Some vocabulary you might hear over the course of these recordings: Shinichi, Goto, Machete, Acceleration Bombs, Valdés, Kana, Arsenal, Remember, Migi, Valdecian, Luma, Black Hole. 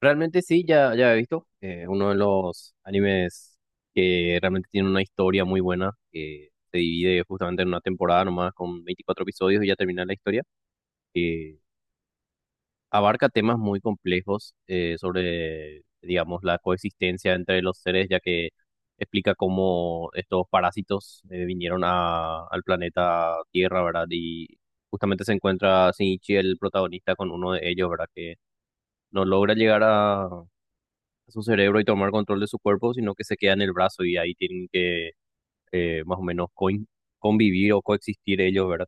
Realmente sí, ya, ya he visto. Uno de los animes que realmente tiene una historia muy buena, que se divide justamente en una temporada nomás con 24 episodios y ya termina la historia, que abarca temas muy complejos, sobre, digamos, la coexistencia entre los seres, ya que explica cómo estos parásitos vinieron al planeta Tierra, ¿verdad? Y justamente se encuentra Shinichi, el protagonista, con uno de ellos, ¿verdad? Que no logra llegar a su cerebro y tomar control de su cuerpo, sino que se queda en el brazo y ahí tienen que, más o menos convivir o coexistir ellos, ¿verdad?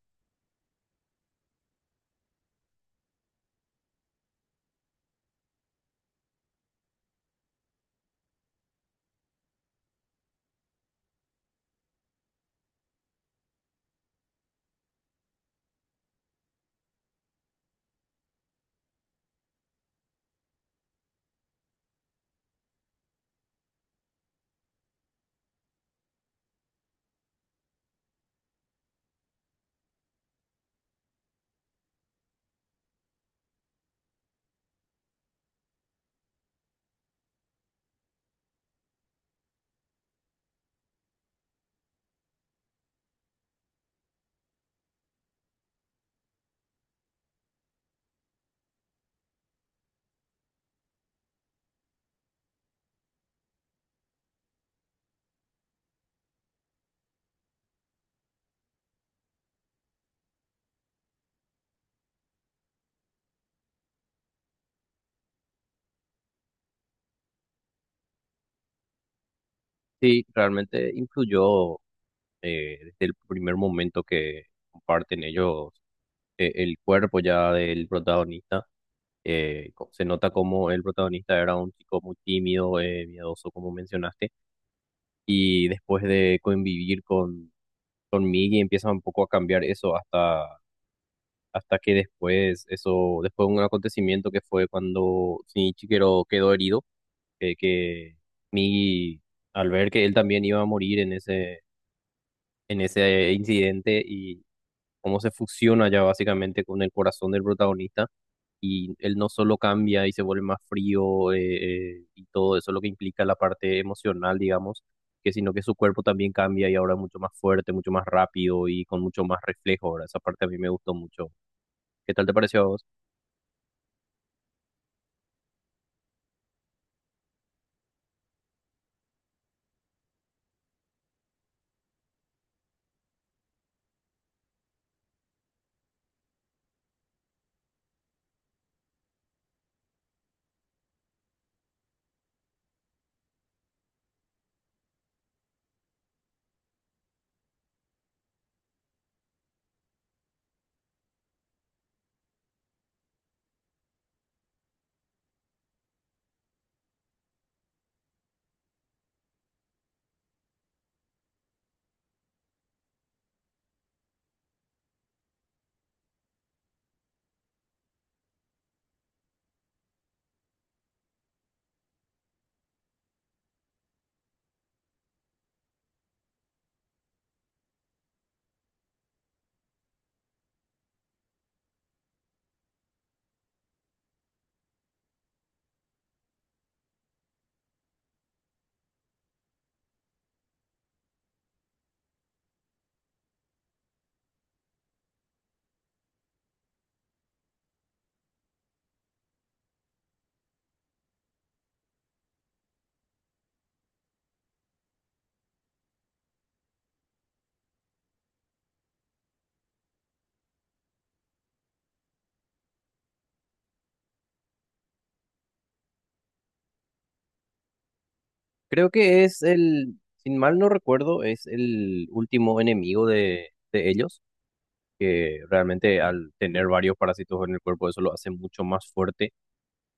Sí, realmente influyó, desde el primer momento que comparten ellos el cuerpo ya del protagonista. Se nota como el protagonista era un chico muy tímido, miedoso, como mencionaste, y después de convivir con Miggy empieza un poco a cambiar eso hasta que después, eso, después de un acontecimiento que fue cuando Shinichi quedó herido, que Migi, al ver que él también iba a morir en ese incidente, y cómo se fusiona ya básicamente con el corazón del protagonista, y él no solo cambia y se vuelve más frío, y todo eso lo que implica la parte emocional, digamos, que sino que su cuerpo también cambia y ahora es mucho más fuerte, mucho más rápido y con mucho más reflejo. Ahora, esa parte a mí me gustó mucho. ¿Qué tal te pareció a vos? Creo que es el, sin mal no recuerdo, es el último enemigo de ellos, que realmente al tener varios parásitos en el cuerpo eso lo hace mucho más fuerte,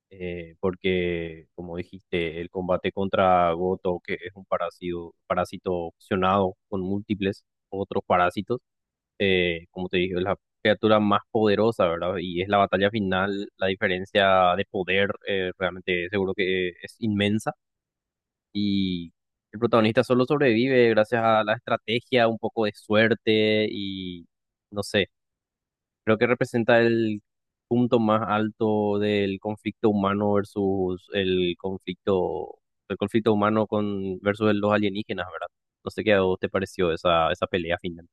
porque como dijiste, el combate contra Goto, que es un parásito fusionado con múltiples otros parásitos. Como te dije, es la criatura más poderosa, ¿verdad? Y es la batalla final, la diferencia de poder, realmente seguro que es inmensa, y el protagonista solo sobrevive gracias a la estrategia, un poco de suerte y no sé, creo que representa el punto más alto del conflicto humano versus el conflicto humano con versus los alienígenas, ¿verdad? No sé qué a vos te pareció esa pelea final.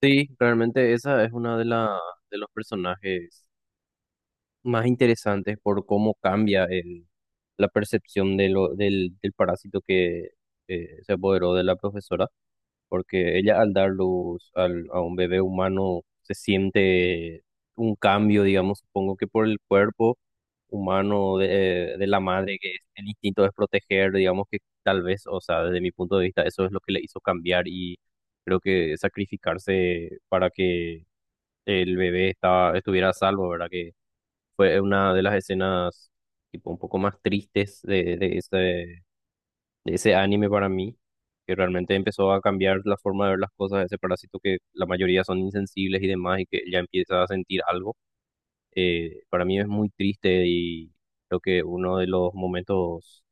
Sí, realmente esa es una de los personajes más interesantes por cómo cambia la percepción del parásito que, se apoderó de la profesora, porque ella al dar luz a un bebé humano se siente un cambio, digamos, supongo que por el cuerpo humano de la madre, que el instinto es proteger, digamos que tal vez, o sea, desde mi punto de vista, eso es lo que le hizo cambiar, y creo que sacrificarse para que el bebé estuviera a salvo, ¿verdad? Que fue una de las escenas tipo un poco más tristes de ese anime para mí, que realmente empezó a cambiar la forma de ver las cosas, ese parásito que la mayoría son insensibles y demás, y que ya empieza a sentir algo. Para mí es muy triste, y creo que uno de los momentos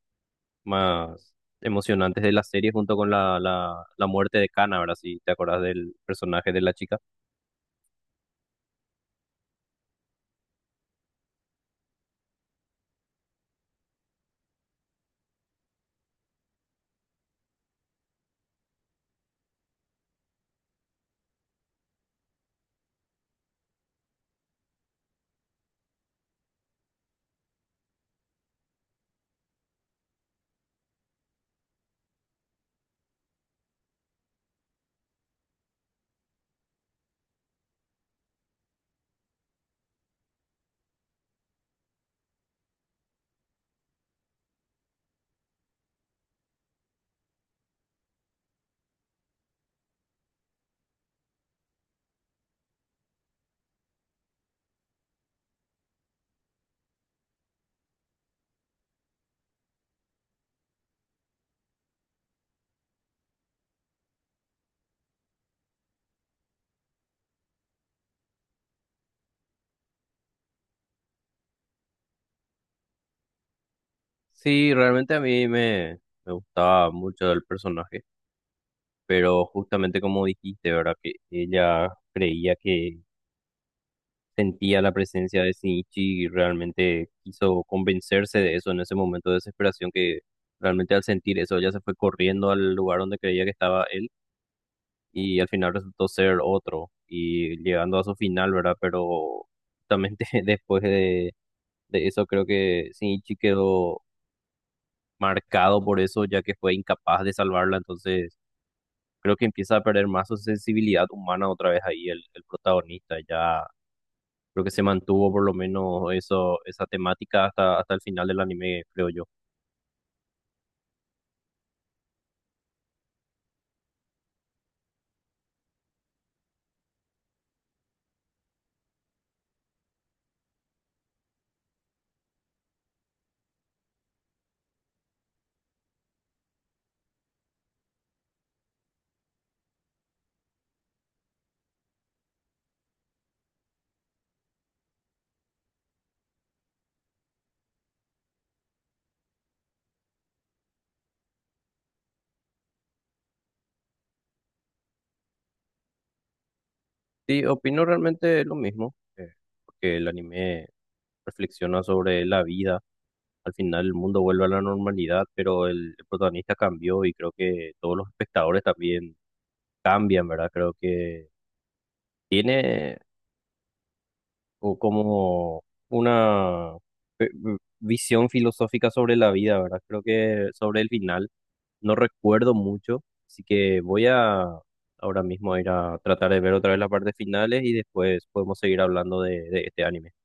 más emocionantes de la serie junto con la muerte de Kana, ¿verdad? Si te acordás del personaje de la chica. Sí, realmente a me gustaba mucho el personaje, pero justamente como dijiste, ¿verdad? Que ella creía que sentía la presencia de Shinichi y realmente quiso convencerse de eso en ese momento de desesperación, que realmente al sentir eso ella se fue corriendo al lugar donde creía que estaba él, y al final resultó ser otro y llegando a su final, ¿verdad? Pero justamente después de eso creo que Shinichi quedó marcado por eso, ya que fue incapaz de salvarla. Entonces creo que empieza a perder más su sensibilidad humana otra vez ahí el protagonista. Ya creo que se mantuvo por lo menos eso, esa temática hasta el final del anime, creo yo. Sí, opino realmente lo mismo. Porque el anime reflexiona sobre la vida. Al final el mundo vuelve a la normalidad, pero el protagonista cambió y creo que todos los espectadores también cambian, ¿verdad? Creo que tiene o como una visión filosófica sobre la vida, ¿verdad? Creo que sobre el final no recuerdo mucho, así que voy a ahora mismo a ir a tratar de ver otra vez las partes finales, y después podemos seguir hablando de este anime.